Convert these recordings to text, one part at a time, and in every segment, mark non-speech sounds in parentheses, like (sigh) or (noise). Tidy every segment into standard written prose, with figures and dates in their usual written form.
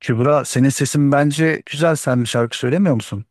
Kübra, senin sesin bence güzel. Sen bir şarkı söylemiyor musun?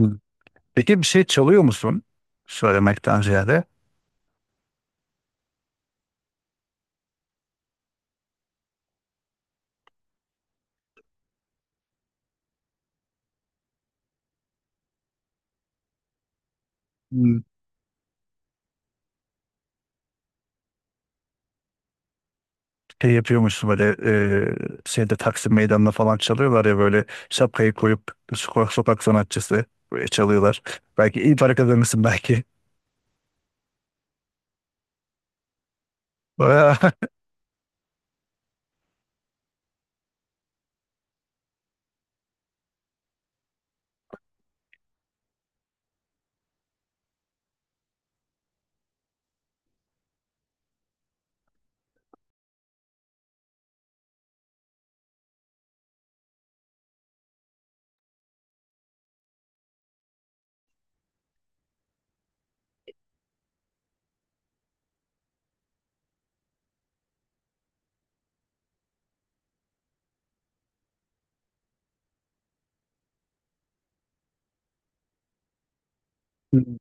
Hı. Peki bir şey çalıyor musun? Söylemekten ziyade. Hmm. Şey yapıyormuşsun böyle, e, şeyde Taksim Meydanı'nda falan çalıyorlar ya, böyle şapkayı koyup sokak, sokak sanatçısı böyle çalıyorlar. Belki iyi para kazanırsın belki. Bayağı- (laughs) Hmm.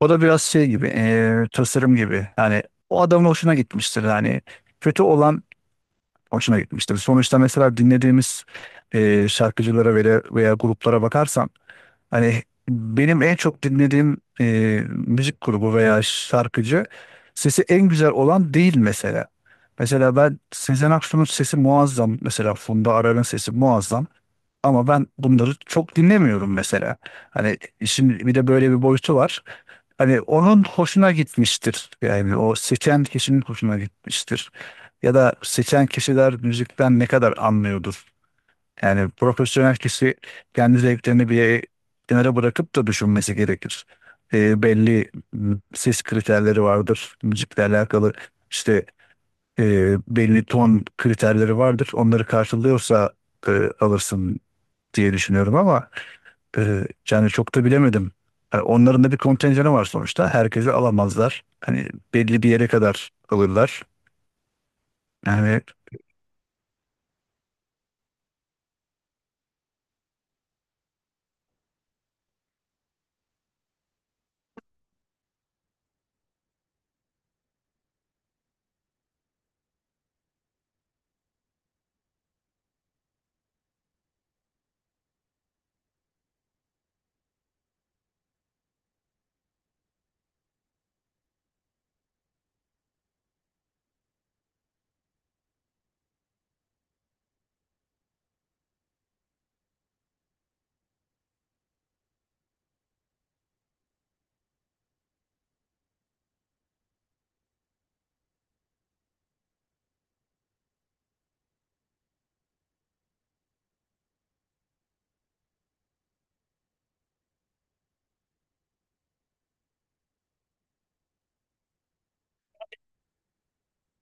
O da biraz şey gibi, tasarım gibi. Yani o adamın hoşuna gitmiştir. Yani kötü olan hoşuna gitmiştir. Sonuçta mesela dinlediğimiz şarkıcılara veya gruplara bakarsan, hani benim en çok dinlediğim müzik grubu veya şarkıcı sesi en güzel olan değil mesela. Mesela ben Sezen Aksu'nun sesi muazzam. Mesela Funda Arar'ın sesi muazzam. Ama ben bunları çok dinlemiyorum mesela. Hani şimdi bir de böyle bir boyutu var. Hani onun hoşuna gitmiştir. Yani o seçen kişinin hoşuna gitmiştir ya da seçen kişiler müzikten ne kadar anlıyordur? Yani profesyonel kişi kendi zevklerini bir kenara bırakıp da düşünmesi gerekir. E, belli m, Ses kriterleri vardır müzikle alakalı. İşte belli ton kriterleri vardır. Onları karşılıyorsa e, alırsın diye düşünüyorum ama yani çok da bilemedim. Yani onların da bir kontenjanı var sonuçta. Herkesi alamazlar. Hani belli bir yere kadar alırlar. Yani.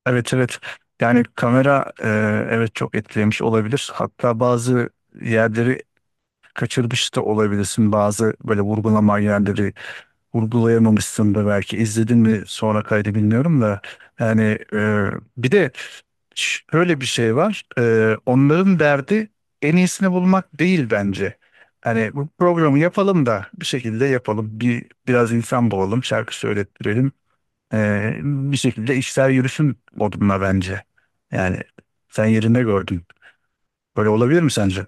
Evet, evet. Yani kamera, evet, çok etkilemiş olabilir. Hatta bazı yerleri kaçırmış da olabilirsin. Bazı böyle vurgulama yerleri vurgulayamamışsın da belki. İzledin mi sonra kaydı bilmiyorum da. Yani e, bir de şöyle bir şey var. E, onların derdi en iyisini bulmak değil bence. Hani bu programı yapalım da bir şekilde yapalım. Biraz insan bulalım, şarkı söylettirelim. Bir şekilde işler yürüsün modunda bence. Yani sen yerinde gördün. Böyle olabilir mi sence?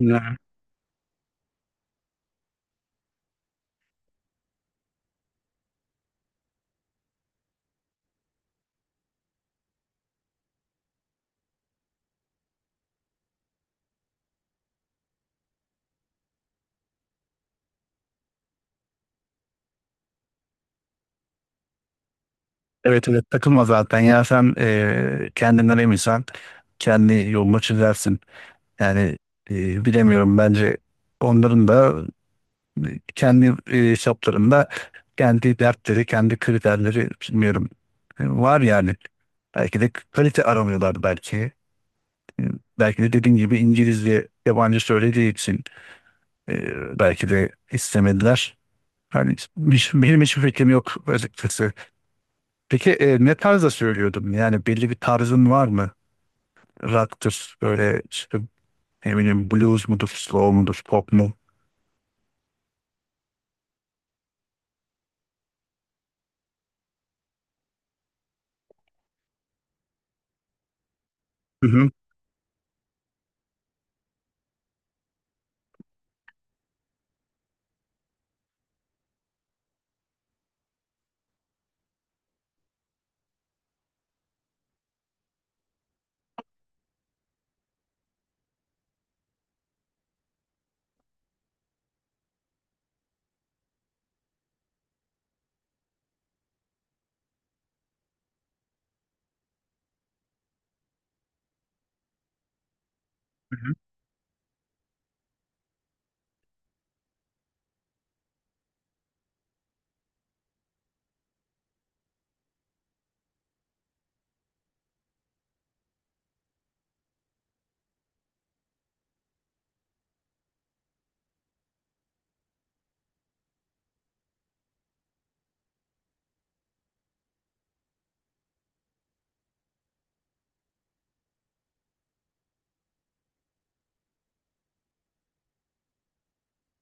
Yani. Evet, evet, takılma zaten. Ya sen kendinden eminsen kendi yolunu çizersin. Yani bilemiyorum, bence onların da kendi hesaplarında kendi dertleri, kendi kriterleri, bilmiyorum. E, var yani. Belki de kalite aramıyorlar belki. E, Belki de dediğin gibi İngilizce yabancı söylediği için belki de istemediler. Hani hiç- benim hiçbir fikrim yok açıkçası. Peki ne tarzda söylüyordum? Yani belli bir tarzın var mı? Rock'tır, böyle işte ne bileyim, blues mudur, slow mudur, pop mu? Hı hı.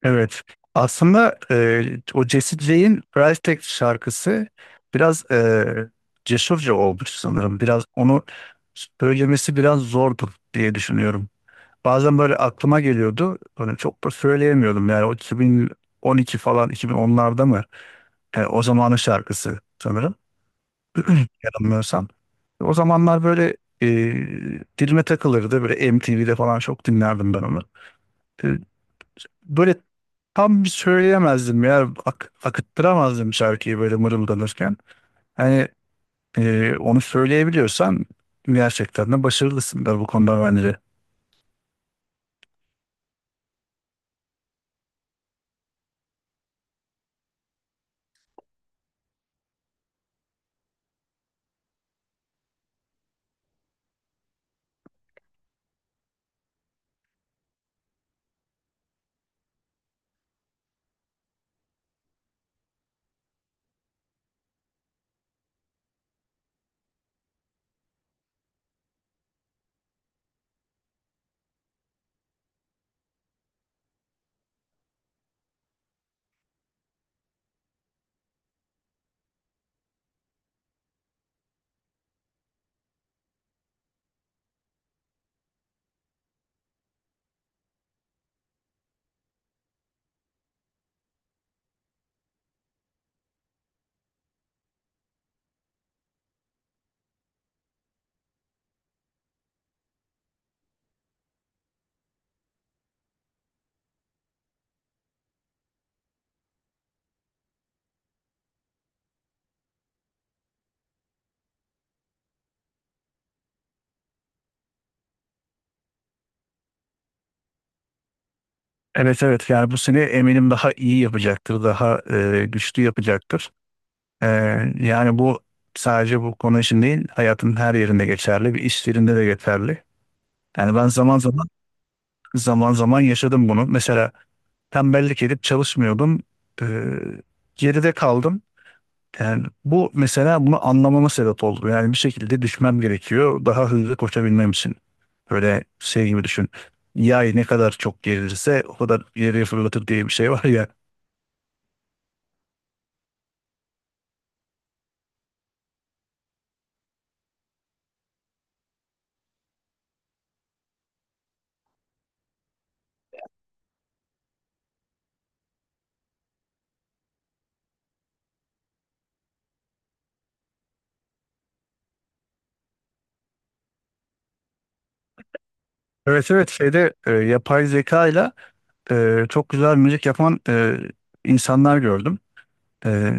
Evet. Aslında o Jesse J'in Price Tag şarkısı biraz cesurca olmuş sanırım. Biraz onu söylemesi biraz zordu diye düşünüyorum. Bazen böyle aklıma geliyordu. Hani çok da söyleyemiyordum. Yani o 2012 falan, 2010'larda mı? Yani o zamanın şarkısı sanırım. (clears throat) Yanılmıyorsam. O zamanlar böyle dilime takılırdı. Böyle MTV'de falan çok dinlerdim ben onu, böyle tam söyleyemezdim ya. Ak- akıttıramazdım şarkıyı böyle mırıldanırken. Hani onu söyleyebiliyorsan gerçekten de başarılısın da bu konuda bence. Evet, evet, yani bu seni eminim daha iyi yapacaktır, daha güçlü yapacaktır. E, Yani bu sadece bu konu için değil, hayatın her yerinde geçerli, bir iş yerinde de geçerli. Yani ben zaman zaman yaşadım bunu. Mesela tembellik edip çalışmıyordum. E, geride kaldım. Yani bu mesela bunu anlamama sebep oldu. Yani bir şekilde düşmem gerekiyor. Daha hızlı koşabilmem için. Böyle şey gibi düşün. Yay ne kadar çok gerilirse o kadar ileriye fırlatır diye bir şey var ya. Evet, evet, şeyde yapay zeka ile çok güzel müzik yapan insanlar gördüm. E,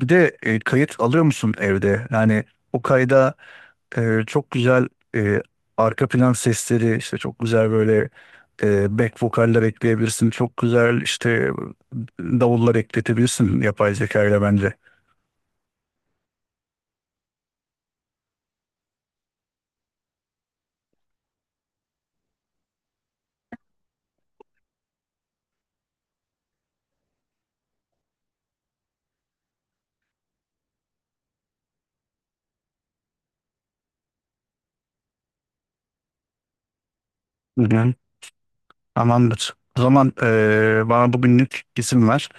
Bir de kayıt alıyor musun evde? Yani o kayda çok güzel e, arka plan sesleri, işte çok güzel böyle back vokaller ekleyebilirsin. Çok güzel işte davullar ekletebilirsin yapay zeka ile bence. Hı hı. Tamamdır. O zaman bana bugünlük izin ver.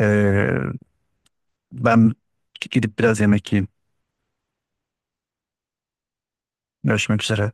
Ee, Ben gidip biraz yemek yiyeyim. Görüşmek üzere.